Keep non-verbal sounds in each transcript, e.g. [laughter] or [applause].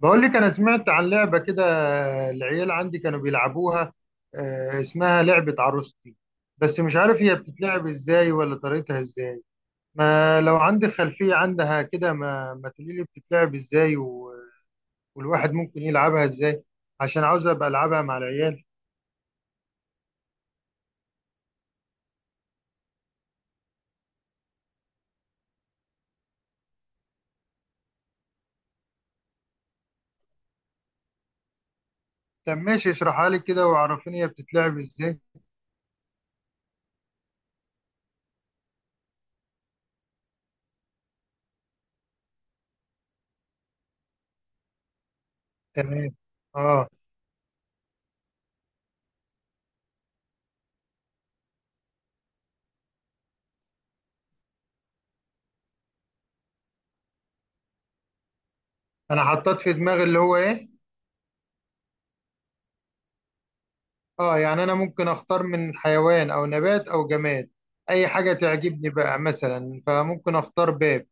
بقول لك انا سمعت عن لعبه كده. العيال عندي كانوا بيلعبوها. آه، اسمها لعبه عروستي. بس مش عارف هي بتتلعب ازاي ولا طريقتها ازاي. ما لو عندك خلفيه عنها كده ما تقولي لي بتتلعب ازاي والواحد ممكن يلعبها ازاي، عشان عاوز ابقى العبها مع العيال. طب ماشي اشرحها لي كده وعرفيني هي بتتلعب ازاي. تمام. اه. انا حطيت في دماغي اللي هو ايه؟ اه، يعني انا ممكن اختار من حيوان او نبات او جماد، اي حاجه تعجبني بقى مثلا فممكن اختار باب.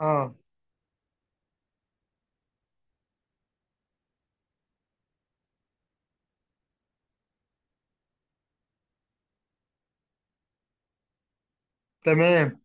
اه. تمام.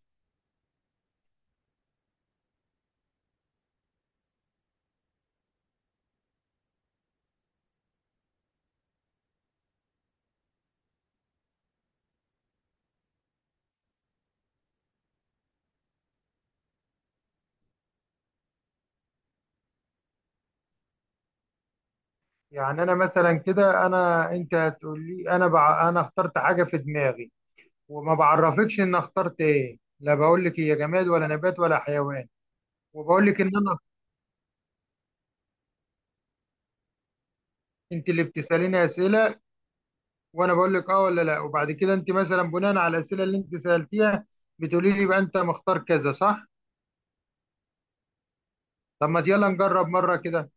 يعني انا مثلا كده انت هتقول لي انا اخترت حاجه في دماغي، وما بعرفكش ان اخترت ايه، لا بقول لك هي جماد ولا نبات ولا حيوان. وبقول لك ان انا. انت اللي بتساليني اسئله، وانا بقول لك اه ولا لا، وبعد كده انت مثلا بناء على الاسئله اللي انت سالتيها بتقولي لي بقى انت مختار كذا صح؟ طب ما يلا نجرب مره كده.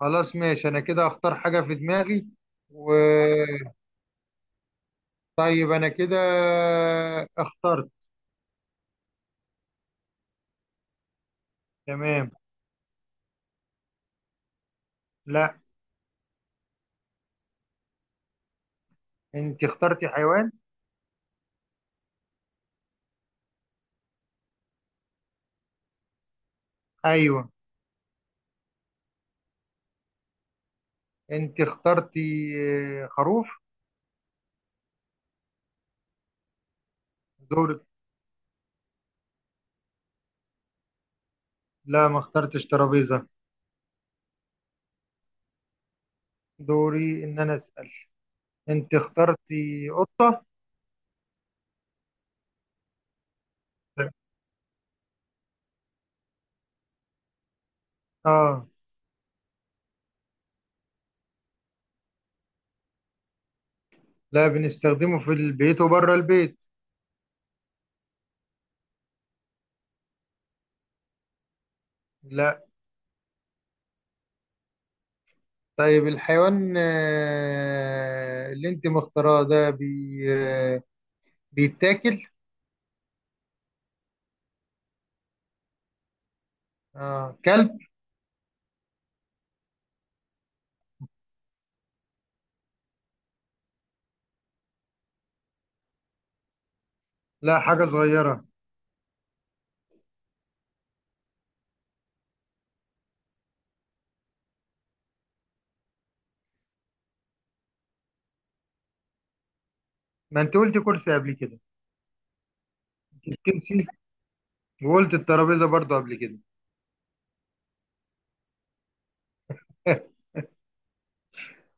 خلاص ماشي انا كده اختار حاجة في دماغي. و طيب انا كده اخترت. تمام. لا. انت اخترتي حيوان. ايوه. انت اخترتي خروف. دورك. لا ما اخترتش ترابيزة. دوري ان انا اسأل. انت اخترتي قطة. لا. اه. لا، بنستخدمه في البيت وبره البيت. لا. طيب الحيوان اللي انت مختاراه ده آه، بيتاكل؟ اه كلب. لا. حاجة صغيرة. ما انت قلت كرسي قبل كده. انت الكرسي، وقلت الترابيزة برضو قبل كده. [laughs]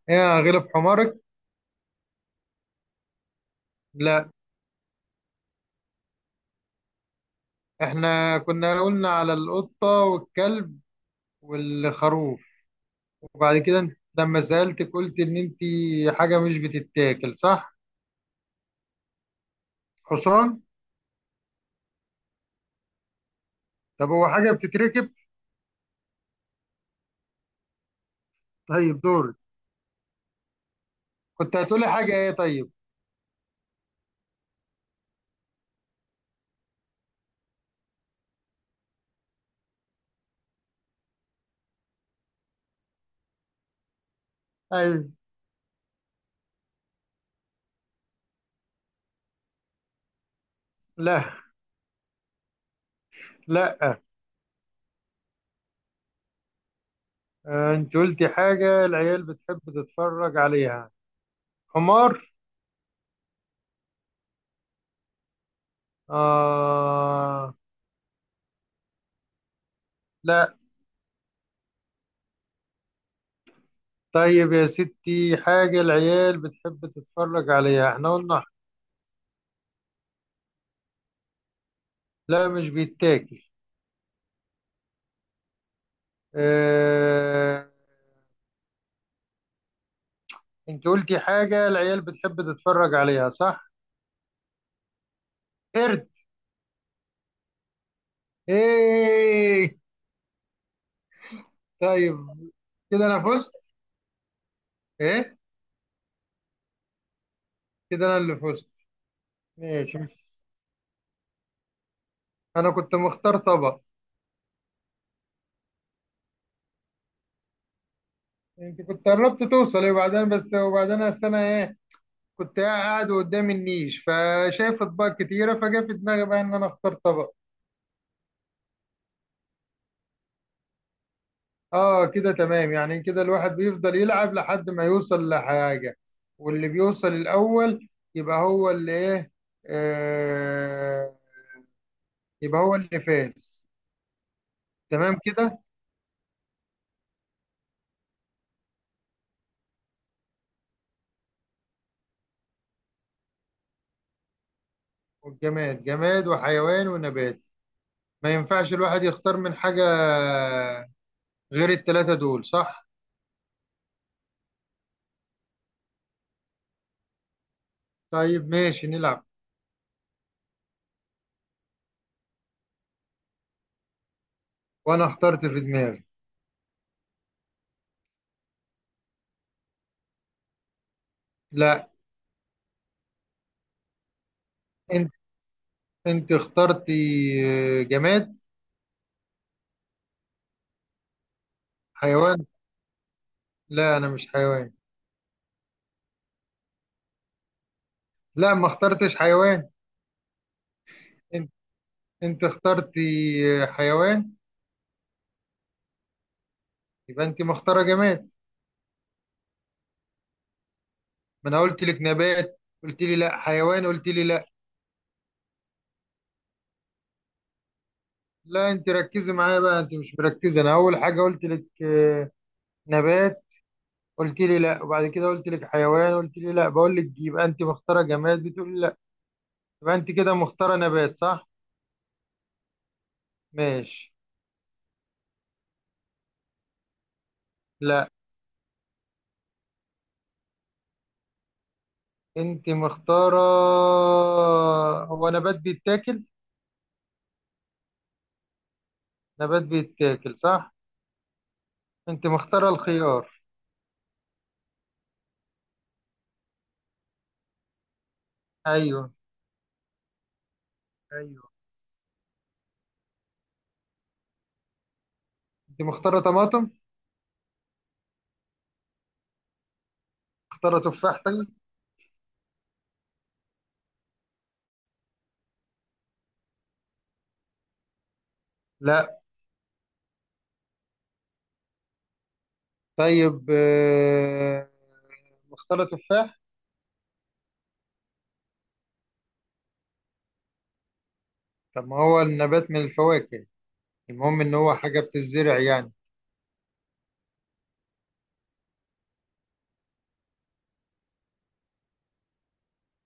يا غلب حمارك. لا. احنا كنا قلنا على القطة والكلب والخروف. وبعد كده انت لما سألتك قلت ان انت حاجة مش بتتاكل صح؟ حصان. طب هو حاجة بتتركب؟ طيب دور. كنت هتقولي حاجة ايه طيب؟ ايوه. لا. لا. اه، انت قلتي حاجة العيال بتحب تتفرج عليها. حمار. آه. لا. طيب يا ستي حاجة العيال بتحب تتفرج عليها احنا قلنا. لا مش بيتاكل. اه... انت قلتي حاجة العيال بتحب تتفرج عليها صح؟ قرد. ايه. طيب. كده انا فزت. ايه. كده انا اللي فزت. ماشي. مش انا كنت مختار طبق. انت كنت قربت توصلي وبعدين بس وبعدين أصل انا ايه، كنت قاعد قدام النيش فشايف اطباق كتيرة فجا في دماغي بقى ان انا اختار طبق. اه كده تمام، يعني كده الواحد بيفضل يلعب لحد ما يوصل لحاجة، واللي بيوصل الأول يبقى هو اللي ايه، آه يبقى هو اللي فاز. تمام كده. والجماد جماد وحيوان ونبات. ما ينفعش الواحد يختار من حاجة غير التلاتة دول صح؟ طيب ماشي نلعب. وانا اخترت في دماغي. لا. انت انت اخترتي جماد. حيوان. لا انا مش حيوان. لا ما اخترتش حيوان. انت اخترتي حيوان. يبقى انت مختاره جماد. ما انا قلت لك نبات قلت لي لا، حيوان قلت لي لا. لا انت ركزي معايا بقى، انت مش مركزه، انا اول حاجه قلت لك نبات، قلت لي لا، وبعد كده قلت لك حيوان قلت لي لا، بقول لك يبقى انت مختاره جماد بتقولي لا. يبقى انت كده مختاره نبات صح؟ ماشي. لا. انت مختاره. هو نبات بيتاكل؟ نبات بيتاكل صح. انت مختاره الخيار. ايوه. ايوه. انت مختاره طماطم. مختارة تفاحتي. لا. طيب مختارة تفاح. طب ما هو النبات من الفواكه. المهم ان هو حاجة بتزرع يعني.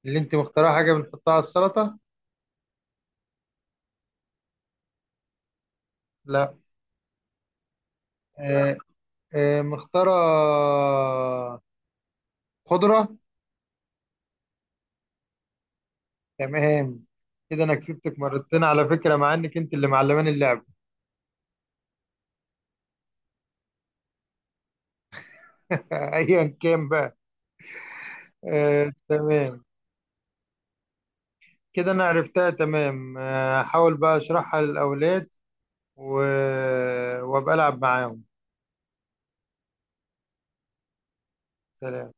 اللي انت مختارها حاجة بنحطها على السلطة. لا. آه، مختارة خضرة. تمام. كده انا كسبتك مرتين على فكرة مع انك انت اللي معلمان اللعب. [laughs] ايا كان بقى. آه، تمام. كده انا عرفتها تمام، هحاول بقى اشرحها للاولاد. و... وابقى العب معاهم. سلام.